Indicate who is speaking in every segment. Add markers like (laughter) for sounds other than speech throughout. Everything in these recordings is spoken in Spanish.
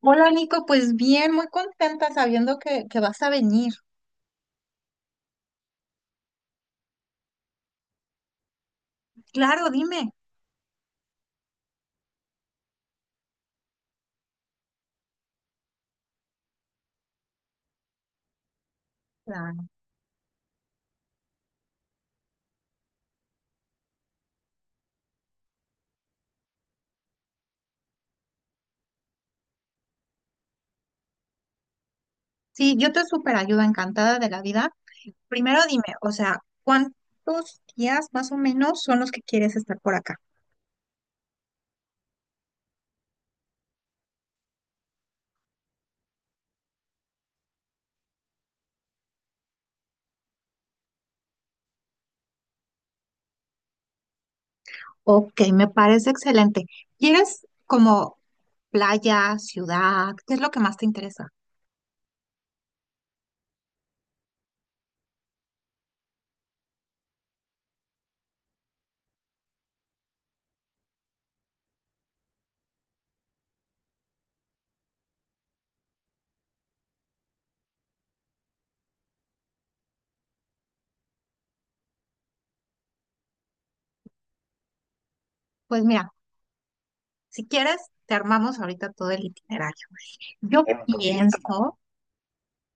Speaker 1: Hola Nico, pues bien, muy contenta sabiendo que vas a venir. Claro, dime. Claro. Sí, yo te súper ayudo, encantada de la vida. Primero dime, o sea, ¿cuántos días más o menos son los que quieres estar por acá? Ok, me parece excelente. ¿Quieres como playa, ciudad? ¿Qué es lo que más te interesa? Pues mira, si quieres, te armamos ahorita todo el itinerario. Yo pienso.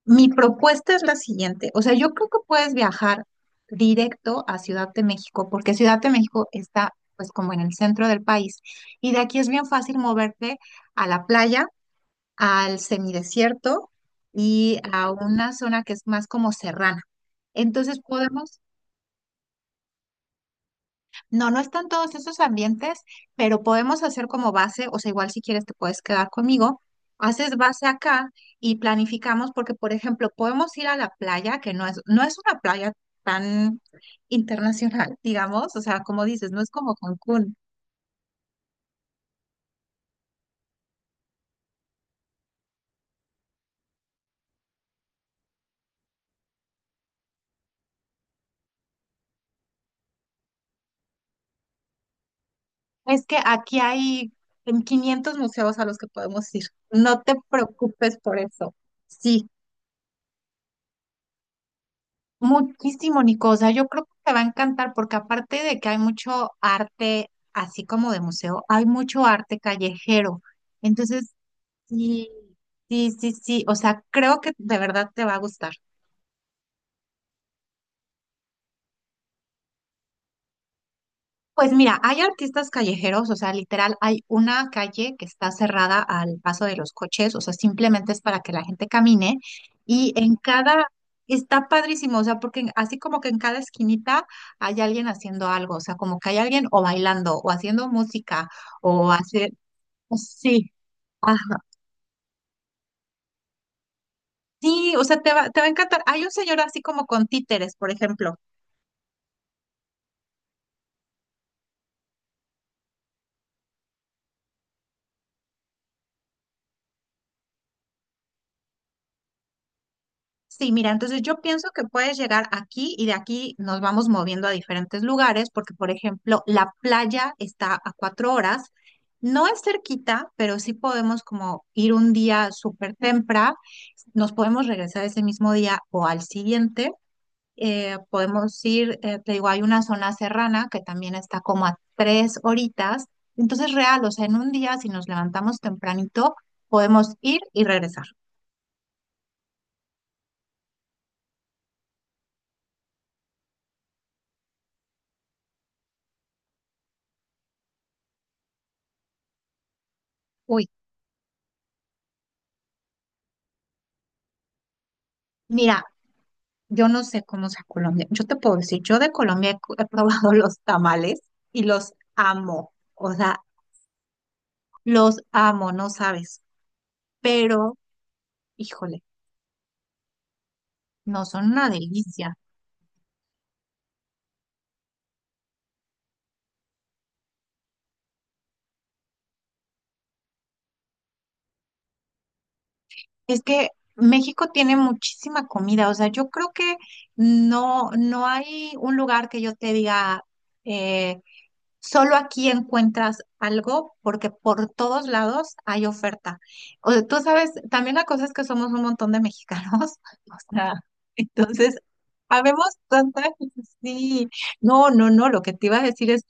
Speaker 1: Mi propuesta es la siguiente, o sea, yo creo que puedes viajar directo a Ciudad de México, porque Ciudad de México está pues como en el centro del país y de aquí es bien fácil moverte a la playa, al semidesierto y a una zona que es más como serrana. Entonces podemos. No, no están todos esos ambientes, pero podemos hacer como base, o sea, igual si quieres te puedes quedar conmigo, haces base acá y planificamos porque, por ejemplo, podemos ir a la playa, que no es una playa tan internacional, (laughs) digamos, o sea, como dices, no es como Cancún. Es que aquí hay en 500 museos a los que podemos ir. No te preocupes por eso. Sí. Muchísimo, Nico. O sea, yo creo que te va a encantar porque aparte de que hay mucho arte, así como de museo, hay mucho arte callejero. Entonces, sí, sí, sí, sí. O sea, creo que de verdad te va a gustar. Pues mira, hay artistas callejeros, o sea, literal, hay una calle que está cerrada al paso de los coches, o sea, simplemente es para que la gente camine y está padrísimo, o sea, porque así como que en cada esquinita hay alguien haciendo algo, o sea, como que hay alguien o bailando o haciendo música o hacer, sí, ajá, sí, o sea, te va a encantar. Hay un señor así como con títeres, por ejemplo. Sí, mira, entonces yo pienso que puedes llegar aquí y de aquí nos vamos moviendo a diferentes lugares, porque por ejemplo, la playa está a 4 horas, no es cerquita, pero sí podemos como ir un día súper temprano, nos podemos regresar ese mismo día o al siguiente, podemos ir, te digo, hay una zona serrana que también está como a 3 horitas, entonces real, o sea, en un día si nos levantamos tempranito, podemos ir y regresar. Uy. Mira, yo no sé cómo sea Colombia. Yo te puedo decir, yo de Colombia he probado (laughs) los tamales y los amo. O sea, los amo, no sabes. Pero, híjole, no son una delicia. Es que México tiene muchísima comida. O sea, yo creo que no hay un lugar que yo te diga, eh, solo aquí encuentras algo porque por todos lados hay oferta. O sea, tú sabes, también la cosa es que somos un montón de mexicanos, (laughs) o sea, entonces, habemos tanta, (laughs) sí, no, no, no, lo que te iba a decir es,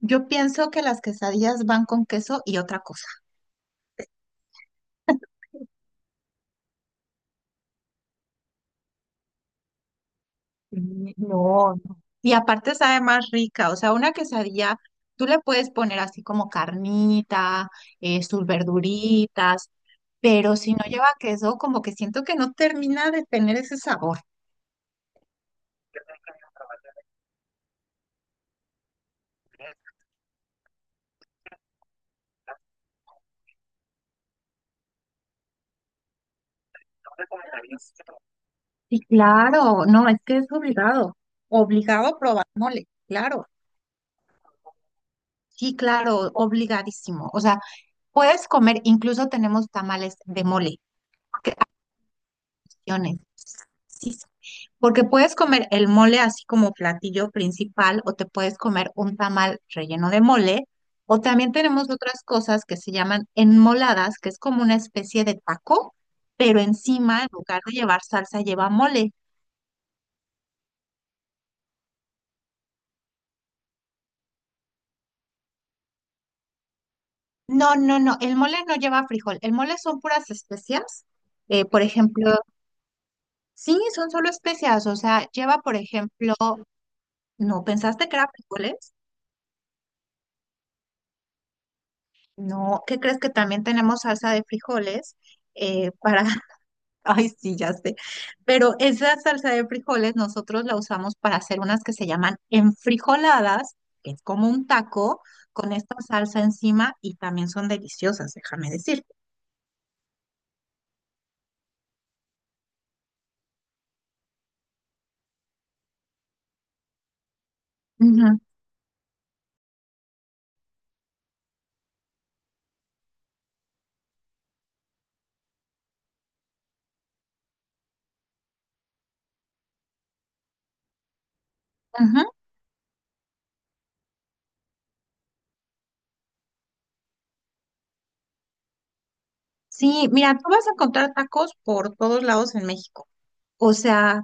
Speaker 1: yo pienso que las quesadillas van con queso y otra cosa. Mm, no, no. Y aparte sabe más rica, o sea, una quesadilla, tú le puedes poner así como carnita, sus verduritas, pero si no lleva queso, como que siento que no termina de tener ese sabor. Sí, claro, no, es que es obligado, obligado a probar mole, claro, sí, claro, obligadísimo. O sea, puedes comer, incluso tenemos tamales de mole. Opciones. Sí, sí. Porque puedes comer el mole así como platillo principal o te puedes comer un tamal relleno de mole o también tenemos otras cosas que se llaman enmoladas, que es como una especie de taco, pero encima en lugar de llevar salsa lleva mole. No, no, no, el mole no lleva frijol, el mole son puras especias. Por ejemplo, sí, son solo especias, o sea, lleva, por ejemplo, ¿no pensaste que era frijoles? No, ¿qué crees que también tenemos salsa de frijoles? eh, para, (laughs) ay, sí, ya sé, pero esa salsa de frijoles nosotros la usamos para hacer unas que se llaman enfrijoladas, que es como un taco con esta salsa encima y también son deliciosas, déjame decirte. Ujú, ujú. Sí, mira, tú vas a encontrar tacos por todos lados en México. O sea,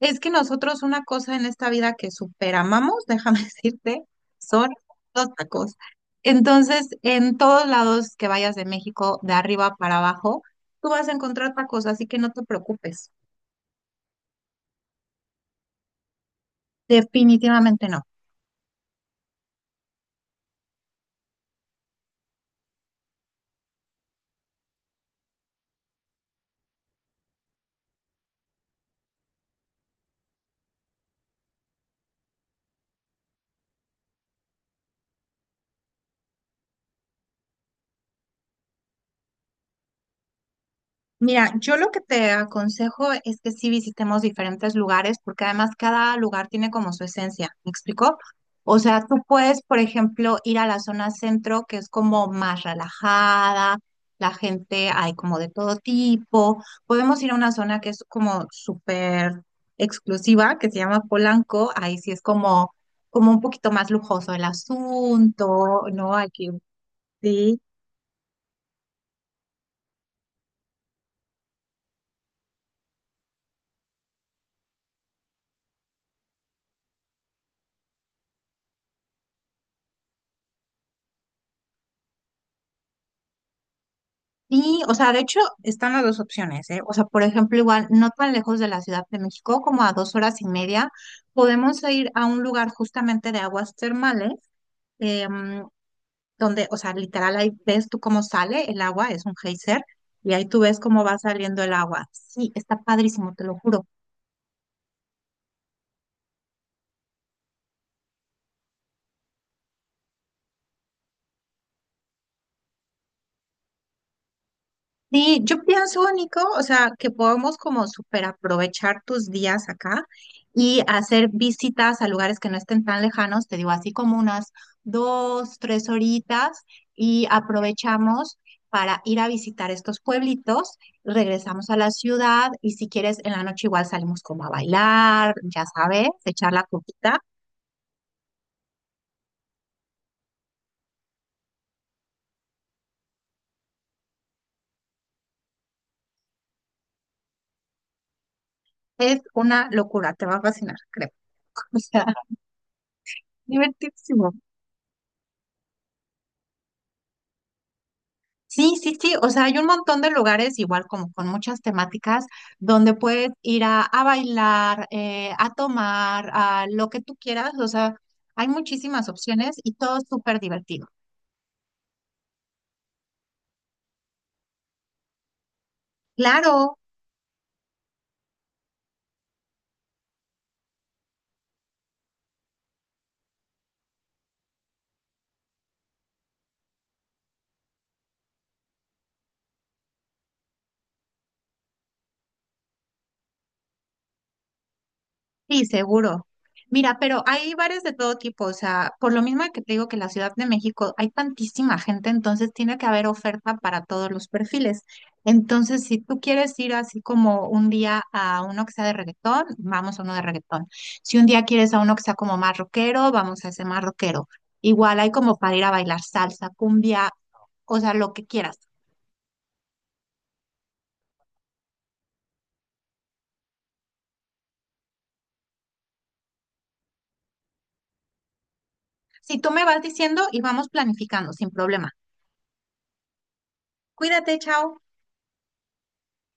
Speaker 1: es que nosotros una cosa en esta vida que superamamos, déjame (laughs) decirte, son los tacos. Entonces, en todos lados que vayas de México, de arriba para abajo, tú vas a encontrar tacos, así que no te preocupes. Definitivamente no. Mira, yo lo que te aconsejo es que sí visitemos diferentes lugares, porque además cada lugar tiene como su esencia, ¿me explicó? O sea, tú puedes, por ejemplo, ir a la zona centro, que es como más relajada, la gente hay como de todo tipo. Podemos ir a una zona que es como súper exclusiva, que se llama Polanco, ahí sí es como un poquito más lujoso el asunto, ¿no? Aquí sí. Sí, o sea, de hecho están las dos opciones, ¿eh? O sea, por ejemplo, igual no tan lejos de la Ciudad de México, como a 2 horas y media, podemos ir a un lugar justamente de aguas termales, em, donde, o sea, literal ahí ves tú cómo sale el agua, es un geyser, y ahí tú ves cómo va saliendo el agua. Sí, está padrísimo, te lo juro. Sí, yo pienso, Nico, o sea, que podemos como super aprovechar tus días acá y hacer visitas a lugares que no estén tan lejanos, te digo, así como unas 2, 3 horitas y aprovechamos para ir a visitar estos pueblitos, regresamos a la ciudad y si quieres en la noche igual salimos como a bailar, ya sabes, echar la copita. Es una locura, te va a fascinar, creo. (laughs) O sea, divertidísimo. Sí, sí, sí, o sea, hay un montón de lugares, igual como con muchas temáticas, donde puedes ir a bailar, a tomar, a lo que tú quieras, o sea, hay muchísimas opciones y todo súper divertido. Claro. Sí, seguro. Mira, pero hay bares de todo tipo, o sea, por lo mismo que te digo que en la Ciudad de México hay tantísima gente, entonces tiene que haber oferta para todos los perfiles. Entonces, si tú quieres ir así como un día a uno que sea de reggaetón, vamos a uno de reggaetón. Si un día quieres a uno que sea como más rockero, vamos a ese más rockero. Igual hay como para ir a bailar salsa, cumbia, o sea, lo que quieras. Si tú me vas diciendo y vamos planificando, sin problema. Cuídate, chao.